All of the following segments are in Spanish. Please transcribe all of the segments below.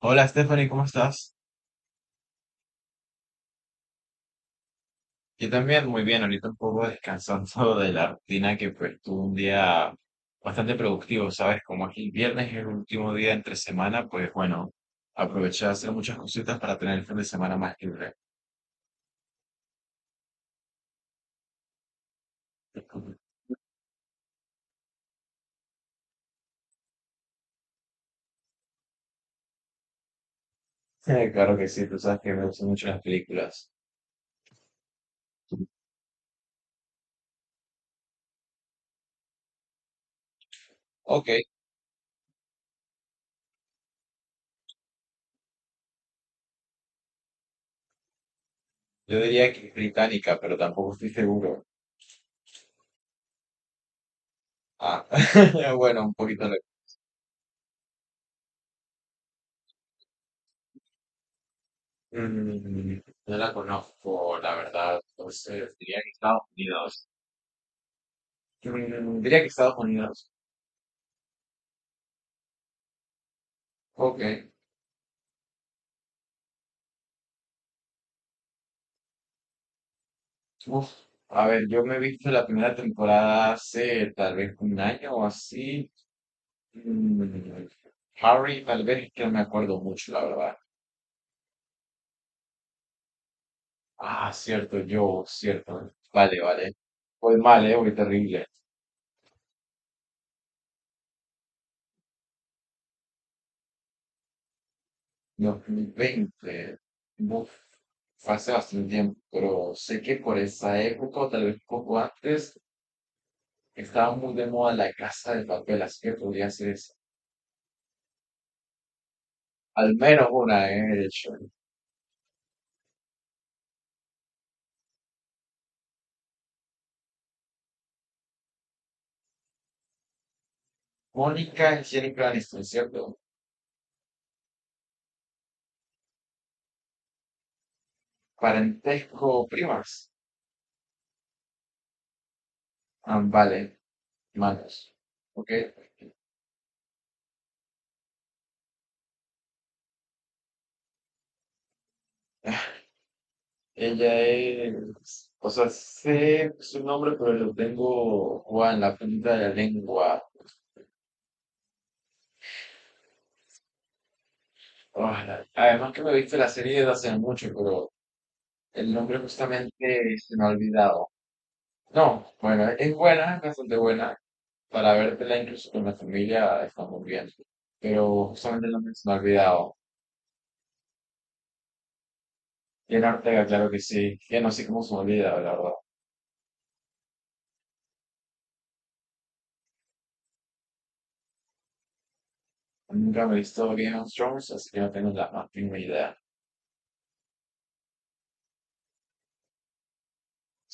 Hola Stephanie, ¿cómo estás? Yo también muy bien, ahorita un poco descansando de la rutina que pues tuve un día bastante productivo, ¿sabes? Como aquí el viernes es el último día entre semana, pues bueno, aproveché de hacer muchas cositas para tener el fin de semana más libre. Claro que sí, tú sabes que me gustan mucho las películas. Ok, yo diría que es británica, pero tampoco estoy seguro. Ah, bueno, un poquito de. Mm, no la conozco, la verdad, entonces diría que Estados Unidos. Diría que Estados Unidos. Ok. Uf, a ver, yo me he visto la primera temporada hace tal vez un año o así. Mm, Harry, tal vez es que no me acuerdo mucho, la verdad. Ah, cierto, yo, cierto. Vale, vale. Voy mal, voy terrible. 2020. Uf, fue hace bastante tiempo, pero sé que por esa época, o tal vez un poco antes, estaba muy de moda la Casa de Papel, así que podría ser esa. Al menos una, de hecho. Mónica Angélica Aniston, ¿cierto? Parentesco primas. Ah, vale, manos. Ok. Ella es. O sea, sé su nombre, pero lo tengo guau, en la punta de la lengua. Ah, además que me he visto la serie desde hace mucho, pero el nombre justamente se me ha olvidado. No, bueno, es buena, es bastante buena. Para vértela incluso con la familia está muy bien. Pero justamente el nombre se me ha olvidado. Bien Ortega, claro que sí. Ya no sé cómo se me olvida, la verdad. Nunca me he visto Game of Thrones, así que no tengo la más mínima idea.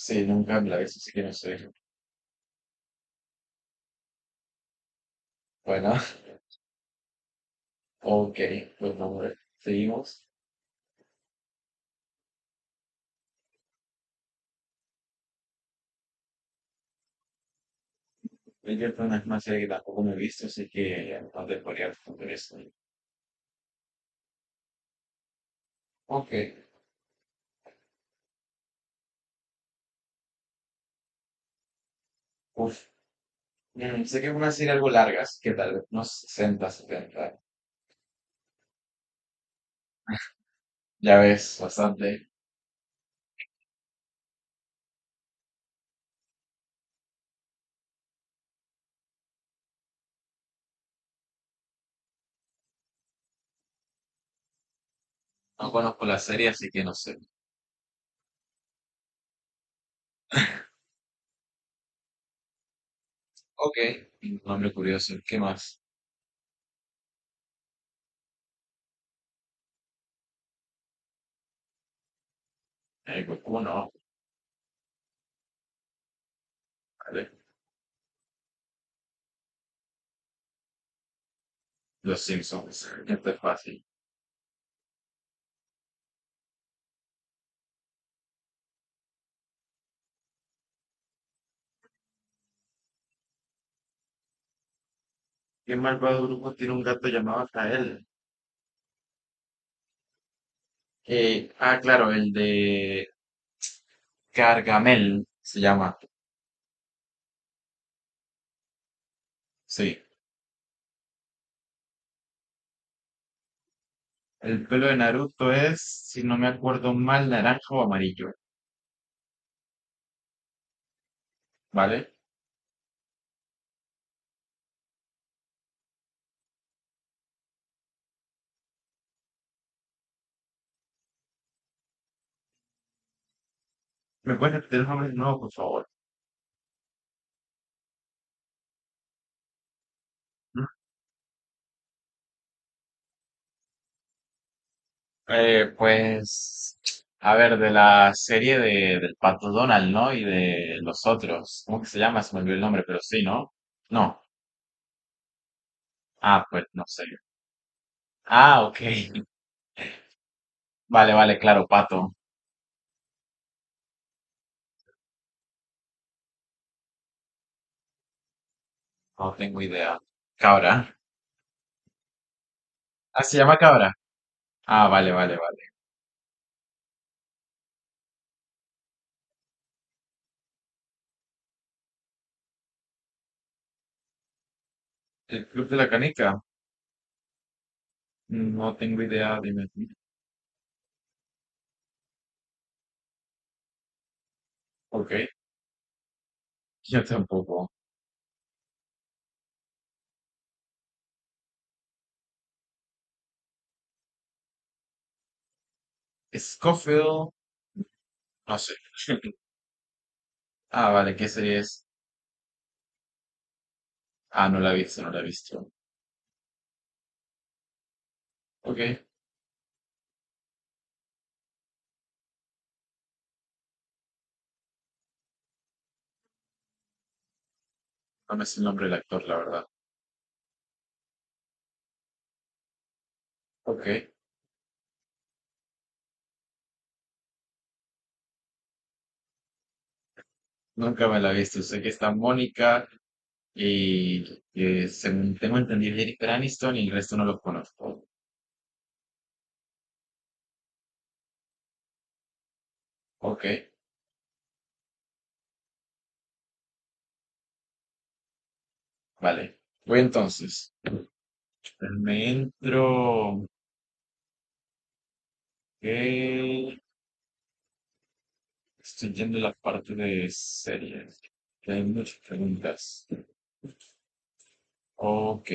Sí, nunca me la he visto, así que no sé. Bueno, ok, pues no, hombre, seguimos. Bridgerton es una serie que tampoco me he visto, así que no te podría responder eso. Ok, uf. Sé que es una serie algo largas, que tal vez unos 60, 70. Ya ves, bastante. No conozco la serie, así que no sé. Ok, nombre curioso. ¿Qué más? Goku, no, vale. Los Simpsons. Esto es fácil. ¿Qué malvado grupo tiene un gato llamado Kael? Ah, claro, el de Gargamel se llama. Sí. El pelo de Naruto es, si no me acuerdo mal, naranja o amarillo, ¿vale? ¿Me puedes repetir los nombres de nuevo, por favor? Pues, a ver, de la serie de, del Pato Donald, ¿no? Y de los otros. ¿Cómo que se llama? Se me olvidó el nombre, pero sí, ¿no? No. Ah, pues no sé. Ah, ok. Vale, vale, claro, Pato. No tengo idea. Cabra. Ah, se llama Cabra. Ah, vale, vale, vale. El Club de la Canica. No tengo idea, dime tú. Ok, yo tampoco. Scofield. No sé. Ah, vale, ¿qué serie es? Ah, no la he visto, no la he visto. Ok, no me sé el nombre del actor, la verdad. Ok, nunca me la he visto. Sé que está Mónica y que según tengo entendido Jennifer Aniston y el resto no los conozco. Ok, vale. Voy entonces. Me entro. Ok, estoy yendo a la parte de series, que hay muchas preguntas. Ok,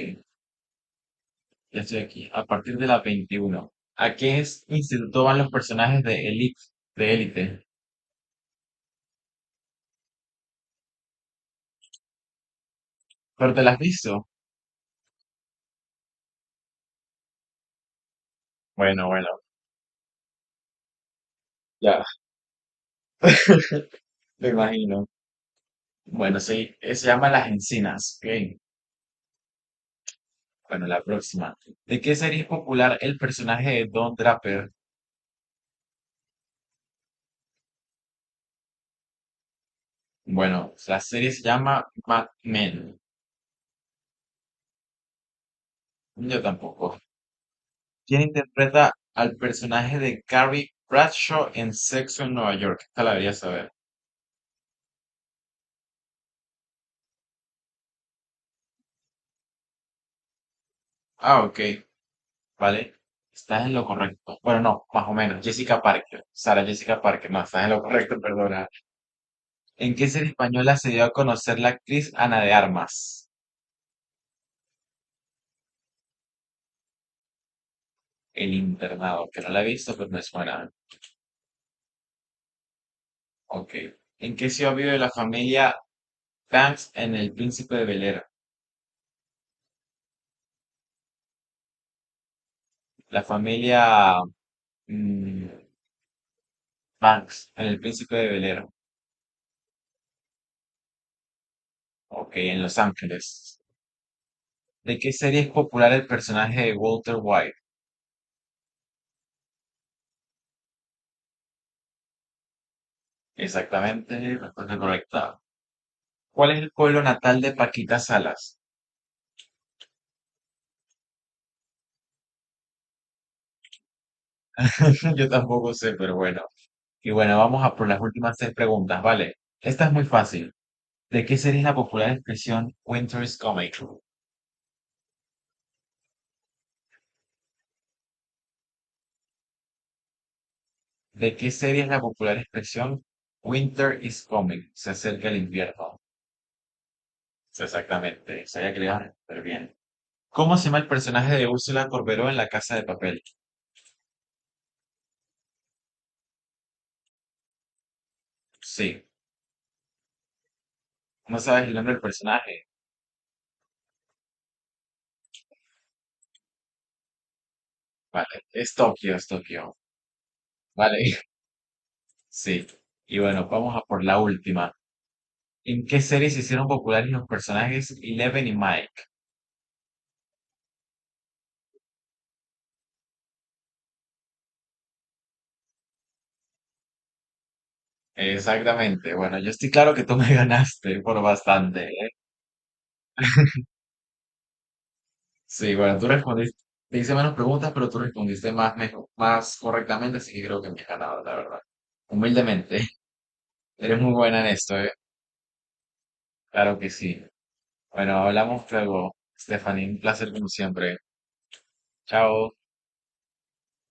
ya estoy aquí. A partir de la 21, ¿a qué instituto van los personajes de Elite? De Élite. ¿Pero te las has visto? Bueno, bueno, ya, me imagino. Bueno, sí, se llama Las Encinas. Ok, bueno, la próxima. ¿De qué serie es popular el personaje de Don Draper? Bueno, la serie se llama Mad Men. Yo tampoco. Quien interpreta al personaje de Carrie Bradshaw en Sexo en Nueva York. Esta la debería saber. Ah, ok, vale. Estás en lo correcto. Bueno, no, más o menos. Jessica Parker. Sara Jessica Parker. No, estás en lo correcto, perdona. ¿En qué serie española se dio a conocer la actriz Ana de Armas? El internado, que no la he visto, pero me suena. Ok. ¿En qué ciudad vive la familia Banks en El Príncipe de Bel Air? La familia mm, Banks en El Príncipe de Bel Air. Ok, en Los Ángeles. ¿De qué serie es popular el personaje de Walter White? Exactamente, respuesta correcta. ¿Cuál es el pueblo natal de Paquita Salas? Yo tampoco sé, pero bueno. Y bueno, vamos a por las últimas seis preguntas, ¿vale? Esta es muy fácil. ¿De qué serie es la popular expresión Winter is coming? ¿De qué serie es la popular expresión Winter is coming? Se acerca el invierno. Sí, exactamente, sabía que le iba a responder bien. ¿Cómo se llama el personaje de Úrsula Corberó en La Casa de Papel? Sí. No sabes el nombre del personaje. Vale, es Tokio, es Tokio. Vale, sí. Y bueno, vamos a por la última. ¿En qué series se hicieron populares los personajes Eleven y Mike? Exactamente. Bueno, yo estoy claro que tú me ganaste por bastante, ¿eh? Sí, bueno, tú respondiste, te hice menos preguntas, pero tú respondiste más, mejor, más correctamente, así que creo que me has ganado, la verdad. Humildemente, eres muy buena en esto, ¿eh? Claro que sí. Bueno, hablamos luego, Stephanie. Un placer como siempre. Chao.